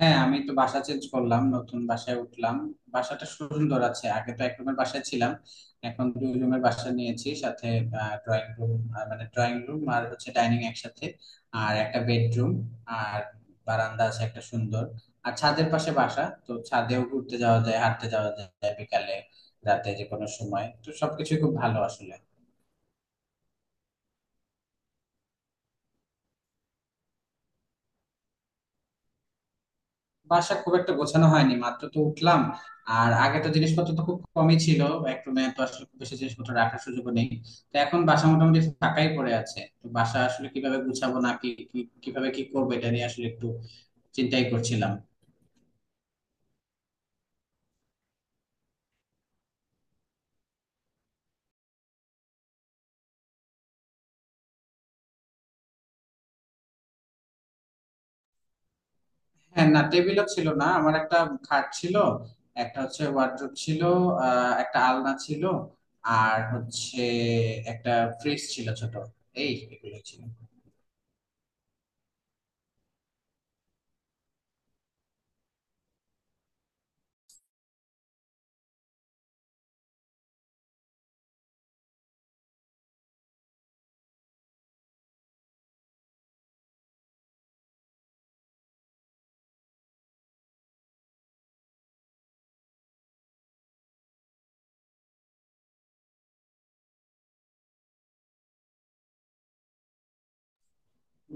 হ্যাঁ, আমি তো বাসা চেঞ্জ করলাম, নতুন বাসায় উঠলাম। বাসাটা সুন্দর আছে। আগে তো এক রুমের বাসায় ছিলাম, এখন দুই রুমের বাসা নিয়েছি। সাথে ড্রয়িং রুম, মানে ড্রয়িং রুম আর হচ্ছে ডাইনিং একসাথে, আর একটা বেডরুম, আর বারান্দা আছে একটা সুন্দর। আর ছাদের পাশে বাসা, তো ছাদেও ঘুরতে যাওয়া যায়, হাঁটতে যাওয়া যায় বিকালে, রাতে, যে কোনো সময়। তো সবকিছু খুব ভালো আসলে। বাসা খুব একটা গোছানো হয়নি, মাত্র তো উঠলাম। আর আগে তো জিনিসপত্র তো খুব কমই ছিল, এক রুমে তো আসলে খুব বেশি জিনিসপত্র রাখার সুযোগ নেই। তো এখন বাসা মোটামুটি ফাঁকাই পড়ে আছে, তো বাসা আসলে কিভাবে গুছাবো, না কি কি- কিভাবে কি করবো, এটা নিয়ে আসলে একটু চিন্তাই করছিলাম। হ্যাঁ, না, টেবিলও ছিল না। আমার একটা খাট ছিল, একটা হচ্ছে ওয়ার্ড্রোব ছিল, একটা আলনা ছিল, আর হচ্ছে একটা ফ্রিজ ছিল ছোট। এই এগুলো ছিল।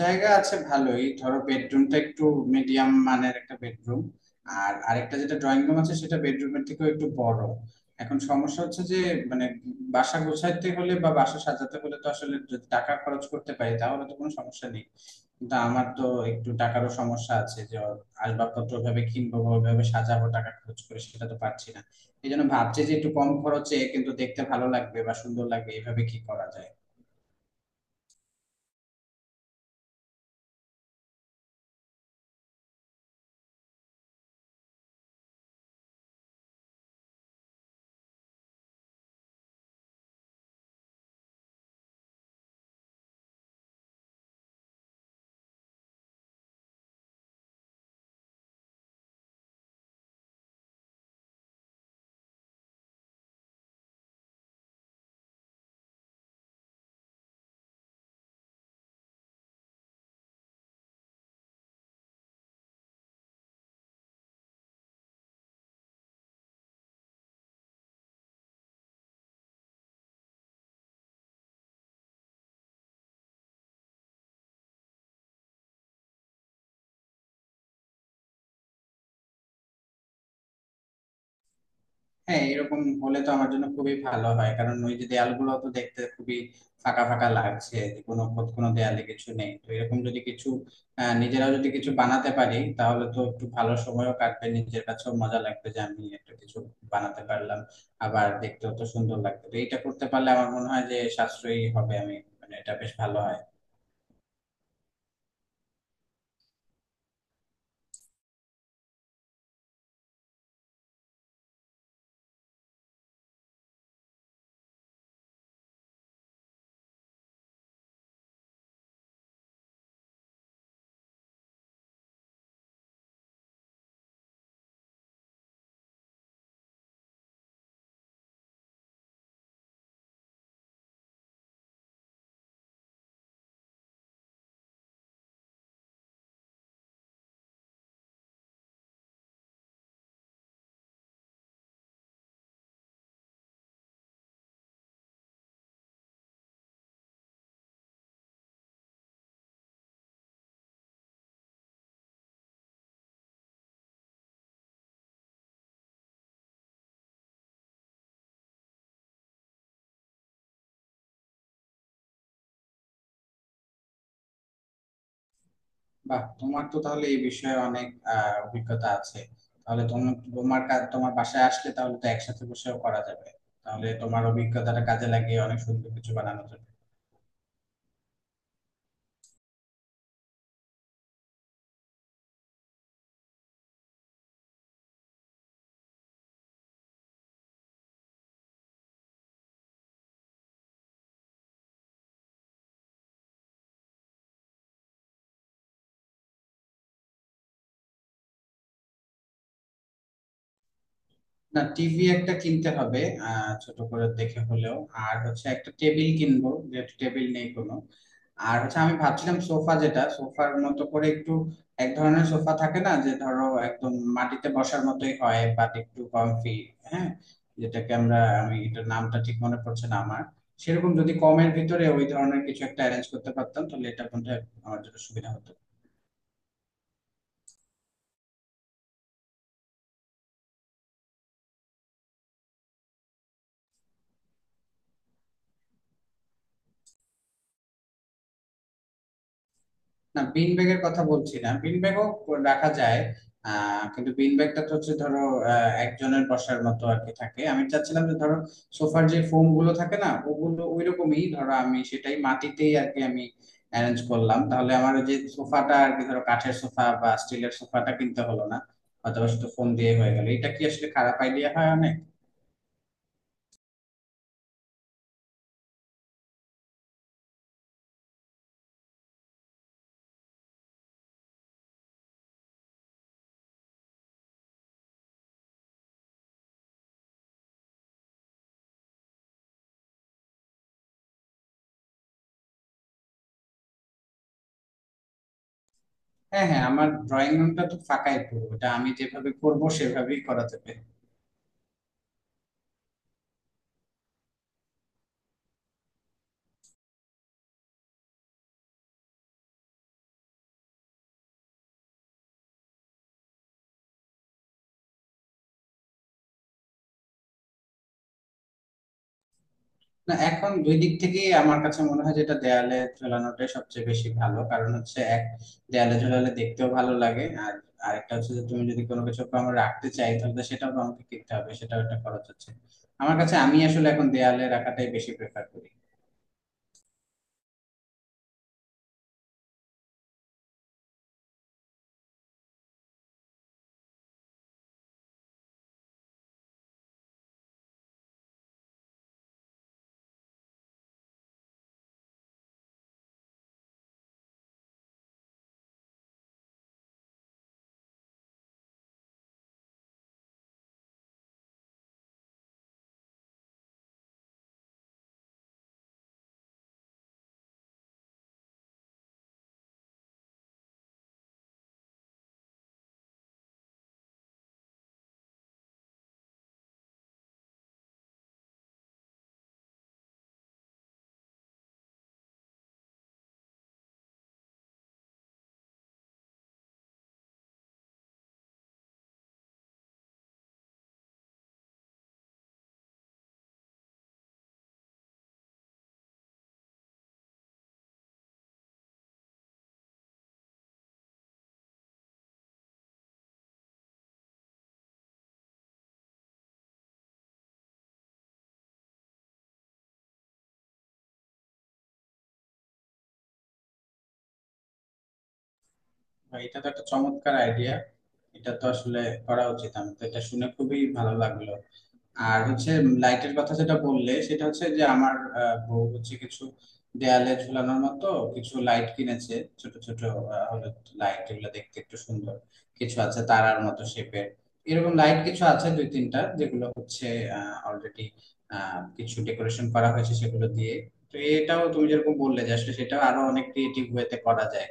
জায়গা আছে ভালোই। ধরো, বেডরুমটা একটু মিডিয়াম মানের একটা বেডরুম, আর আরেকটা যেটা ড্রয়িং রুম আছে সেটা বেডরুমের থেকেও একটু বড়। এখন সমস্যা হচ্ছে যে, মানে, বাসা গোছাইতে হলে বা বাসা সাজাতে হলে তো আসলে যদি টাকা খরচ করতে পারি, তাহলে তো কোনো সমস্যা নেই। কিন্তু আমার তো একটু টাকারও সমস্যা আছে, যে আসবাবপত্র ভাবে কিনবো বা ওইভাবে সাজাবো টাকা খরচ করে, সেটা তো পারছি না। এই জন্য ভাবছি যে একটু কম খরচে কিন্তু দেখতে ভালো লাগবে বা সুন্দর লাগবে, এইভাবে কি করা যায়। হ্যাঁ, এরকম হলে তো আমার জন্য খুবই ভালো হয়। কারণ ওই যে দেয়ালগুলো তো দেখতে খুবই ফাঁকা ফাঁকা লাগছে, কোনো খোদ কোনো দেয়ালে কিছু নেই। তো এরকম যদি কিছু নিজেরাও যদি কিছু বানাতে পারি, তাহলে তো একটু ভালো সময়ও কাটবে, নিজের কাছেও মজা লাগবে যে আমি একটা কিছু বানাতে পারলাম। আবার দেখতেও তো সুন্দর লাগবে। তো এটা করতে পারলে আমার মনে হয় যে সাশ্রয়ী হবে আমি, মানে এটা বেশ ভালো হয়। বাহ, তোমার তো তাহলে এই বিষয়ে অনেক অভিজ্ঞতা আছে। তাহলে তুমি, তোমার কাজ তোমার বাসায় আসলে, তাহলে তো একসাথে বসেও করা যাবে। তাহলে তোমার অভিজ্ঞতাটা কাজে লাগিয়ে অনেক সুন্দর কিছু বানানো যাবে। না, টিভি একটা কিনতে হবে, ছোট করে দেখে হলেও। আর হচ্ছে একটা টেবিল কিনবো, যেহেতু টেবিল নেই কোনো। আর হচ্ছে, আমি ভাবছিলাম সোফা, যেটা সোফার মতো করে একটু, এক ধরনের সোফা থাকে না, যে ধরো একদম মাটিতে বসার মতোই হয় বাট একটু কমফি, হ্যাঁ, যেটাকে আমরা, আমি এটার নামটা ঠিক মনে পড়ছে না আমার। সেরকম যদি কমের ভিতরে ওই ধরনের কিছু একটা অ্যারেঞ্জ করতে পারতাম, তাহলে এটা মধ্যে আমার জন্য সুবিধা হতো। না, বিন ব্যাগের কথা বলছি না। বিন ব্যাগও রাখা যায়, কিন্তু বিন ব্যাগটা তো হচ্ছে, ধরো, একজনের বসার মতো আর কি থাকে। আমি চাচ্ছিলাম যে ধরো, সোফার যে ফোম গুলো থাকে না, ওগুলো ওই রকমই, ধরো আমি সেটাই মাটিতেই আর কি আমি অ্যারেঞ্জ করলাম, তাহলে আমার ওই যে সোফাটা আর কি, ধরো কাঠের সোফা বা স্টিলের সোফাটা কিনতে হলো না, অথবা শুধু ফোম দিয়ে হয়ে গেল। এটা কি আসলে খারাপ আইডিয়া হয় অনেক? হ্যাঁ হ্যাঁ, আমার ড্রয়িং রুমটা তো ফাঁকাই পুরো, এটা আমি যেভাবে করবো সেভাবেই করা যাবে। না, এখন দুই দিক থেকেই আমার কাছে মনে হয় যেটা, দেয়ালে ঝোলানোটাই সবচেয়ে বেশি ভালো। কারণ হচ্ছে, এক, দেয়ালে ঝোলালে দেখতেও ভালো লাগে। আর আরেকটা হচ্ছে যে, তুমি যদি কোনো কিছু আমার রাখতে চাই, তাহলে সেটাও তো আমাকে কিনতে হবে, সেটাও একটা খরচ হচ্ছে আমার কাছে। আমি আসলে এখন দেয়ালে রাখাটাই বেশি প্রেফার করি। বা, এটা তো একটা চমৎকার আইডিয়া, এটা তো আসলে করা উচিত। আমি তো এটা শুনে খুবই ভালো লাগলো। আর হচ্ছে লাইটের কথা যেটা বললে, সেটা হচ্ছে যে আমার বউ হচ্ছে কিছু দেয়ালে ঝুলানোর মতো কিছু লাইট কিনেছে। ছোট ছোট হলুদ লাইট, এগুলো দেখতে একটু সুন্দর। কিছু আছে তারার মতো শেপের, এরকম লাইট কিছু আছে দুই তিনটা, যেগুলো হচ্ছে অলরেডি কিছু ডেকোরেশন করা হয়েছে সেগুলো দিয়ে। তো এটাও তুমি যেরকম বললে যে আসলে সেটাও আরো অনেক ক্রিয়েটিভ ওয়েতে করা যায়।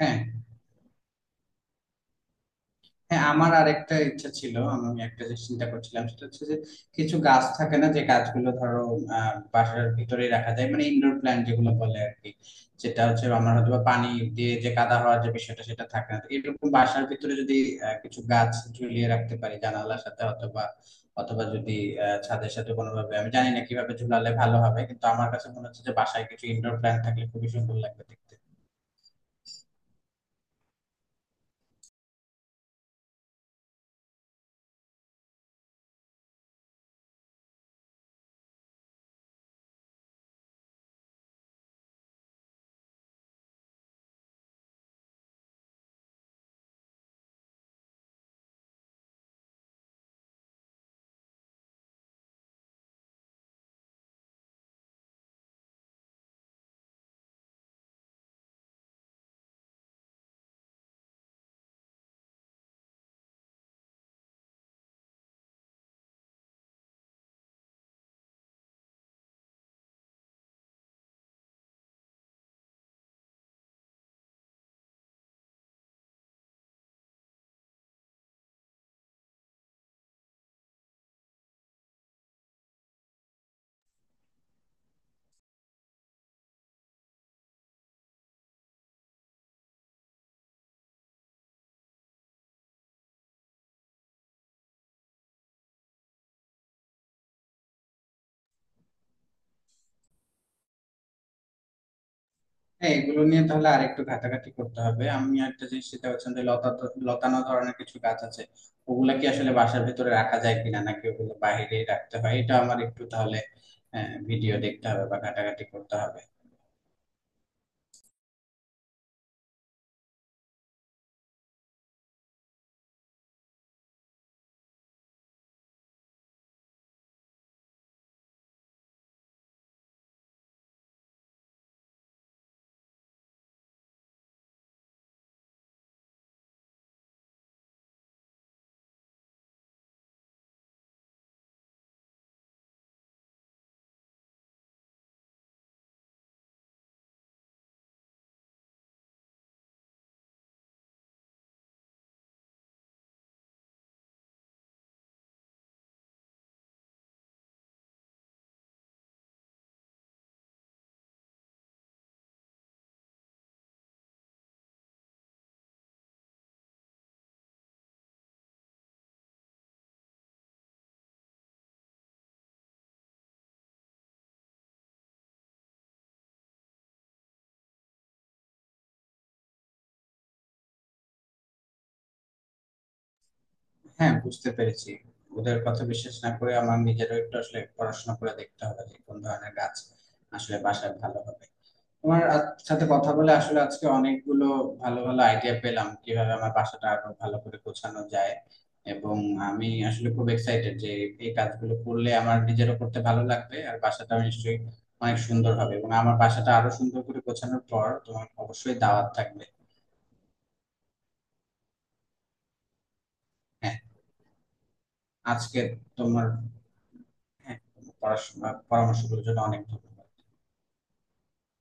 হ্যাঁ হ্যাঁ, আমার আর একটা ইচ্ছা ছিল, আমি একটা যে চিন্তা করছিলাম, সেটা হচ্ছে যে কিছু গাছ থাকে না, যে গাছগুলো ধরো বাসার ভিতরে রাখা যায়, মানে ইনডোর প্ল্যান্ট যেগুলো বলে আর কি। যেটা হচ্ছে আমার হয়তো বা পানি দিয়ে যে কাদা হওয়ার যে বিষয়টা, সেটা থাকে না, তো এরকম বাসার ভিতরে যদি কিছু গাছ ঝুলিয়ে রাখতে পারি জানালার সাথে, অথবা অথবা যদি ছাদের সাথে কোনোভাবে, আমি জানি না কিভাবে ঝুলালে ভালো হবে, কিন্তু আমার কাছে মনে হচ্ছে যে বাসায় কিছু ইনডোর প্ল্যান্ট থাকলে খুবই সুন্দর লাগবে দেখতে। হ্যাঁ, এগুলো নিয়ে তাহলে আরেকটু ঘাটাঘাটি করতে হবে। আমি একটা জিনিস চিন্তা করছিলাম, যে লতা, লতানো ধরনের কিছু গাছ আছে, ওগুলা কি আসলে বাসার ভিতরে রাখা যায় কিনা, নাকি ওগুলো বাইরে রাখতে হয়, এটা আমার একটু তাহলে ভিডিও দেখতে হবে বা ঘাটাঘাটি করতে হবে। হ্যাঁ, বুঝতে পেরেছি। ওদের কথা বিশ্বাস না করে আমার নিজেরও একটু আসলে পড়াশোনা করে দেখতে হবে যে কোন ধরনের গাছ আসলে বাসায় ভালো হবে। তোমার সাথে কথা বলে আসলে আজকে অনেকগুলো ভালো ভালো আইডিয়া পেলাম, কিভাবে আমার বাসাটা আরো ভালো করে গোছানো যায়। এবং আমি আসলে খুব এক্সাইটেড যে এই কাজগুলো করলে আমার নিজেরও করতে ভালো লাগবে, আর বাসাটা নিশ্চয়ই অনেক সুন্দর হবে। এবং আমার বাসাটা আরো সুন্দর করে গোছানোর পর তোমার অবশ্যই দাওয়াত থাকবে। হ্যাঁ, আজকে তোমার, হ্যাঁ তোমার পড়াশোনা পরামর্শগুলোর জন্য অনেক ধন্যবাদ।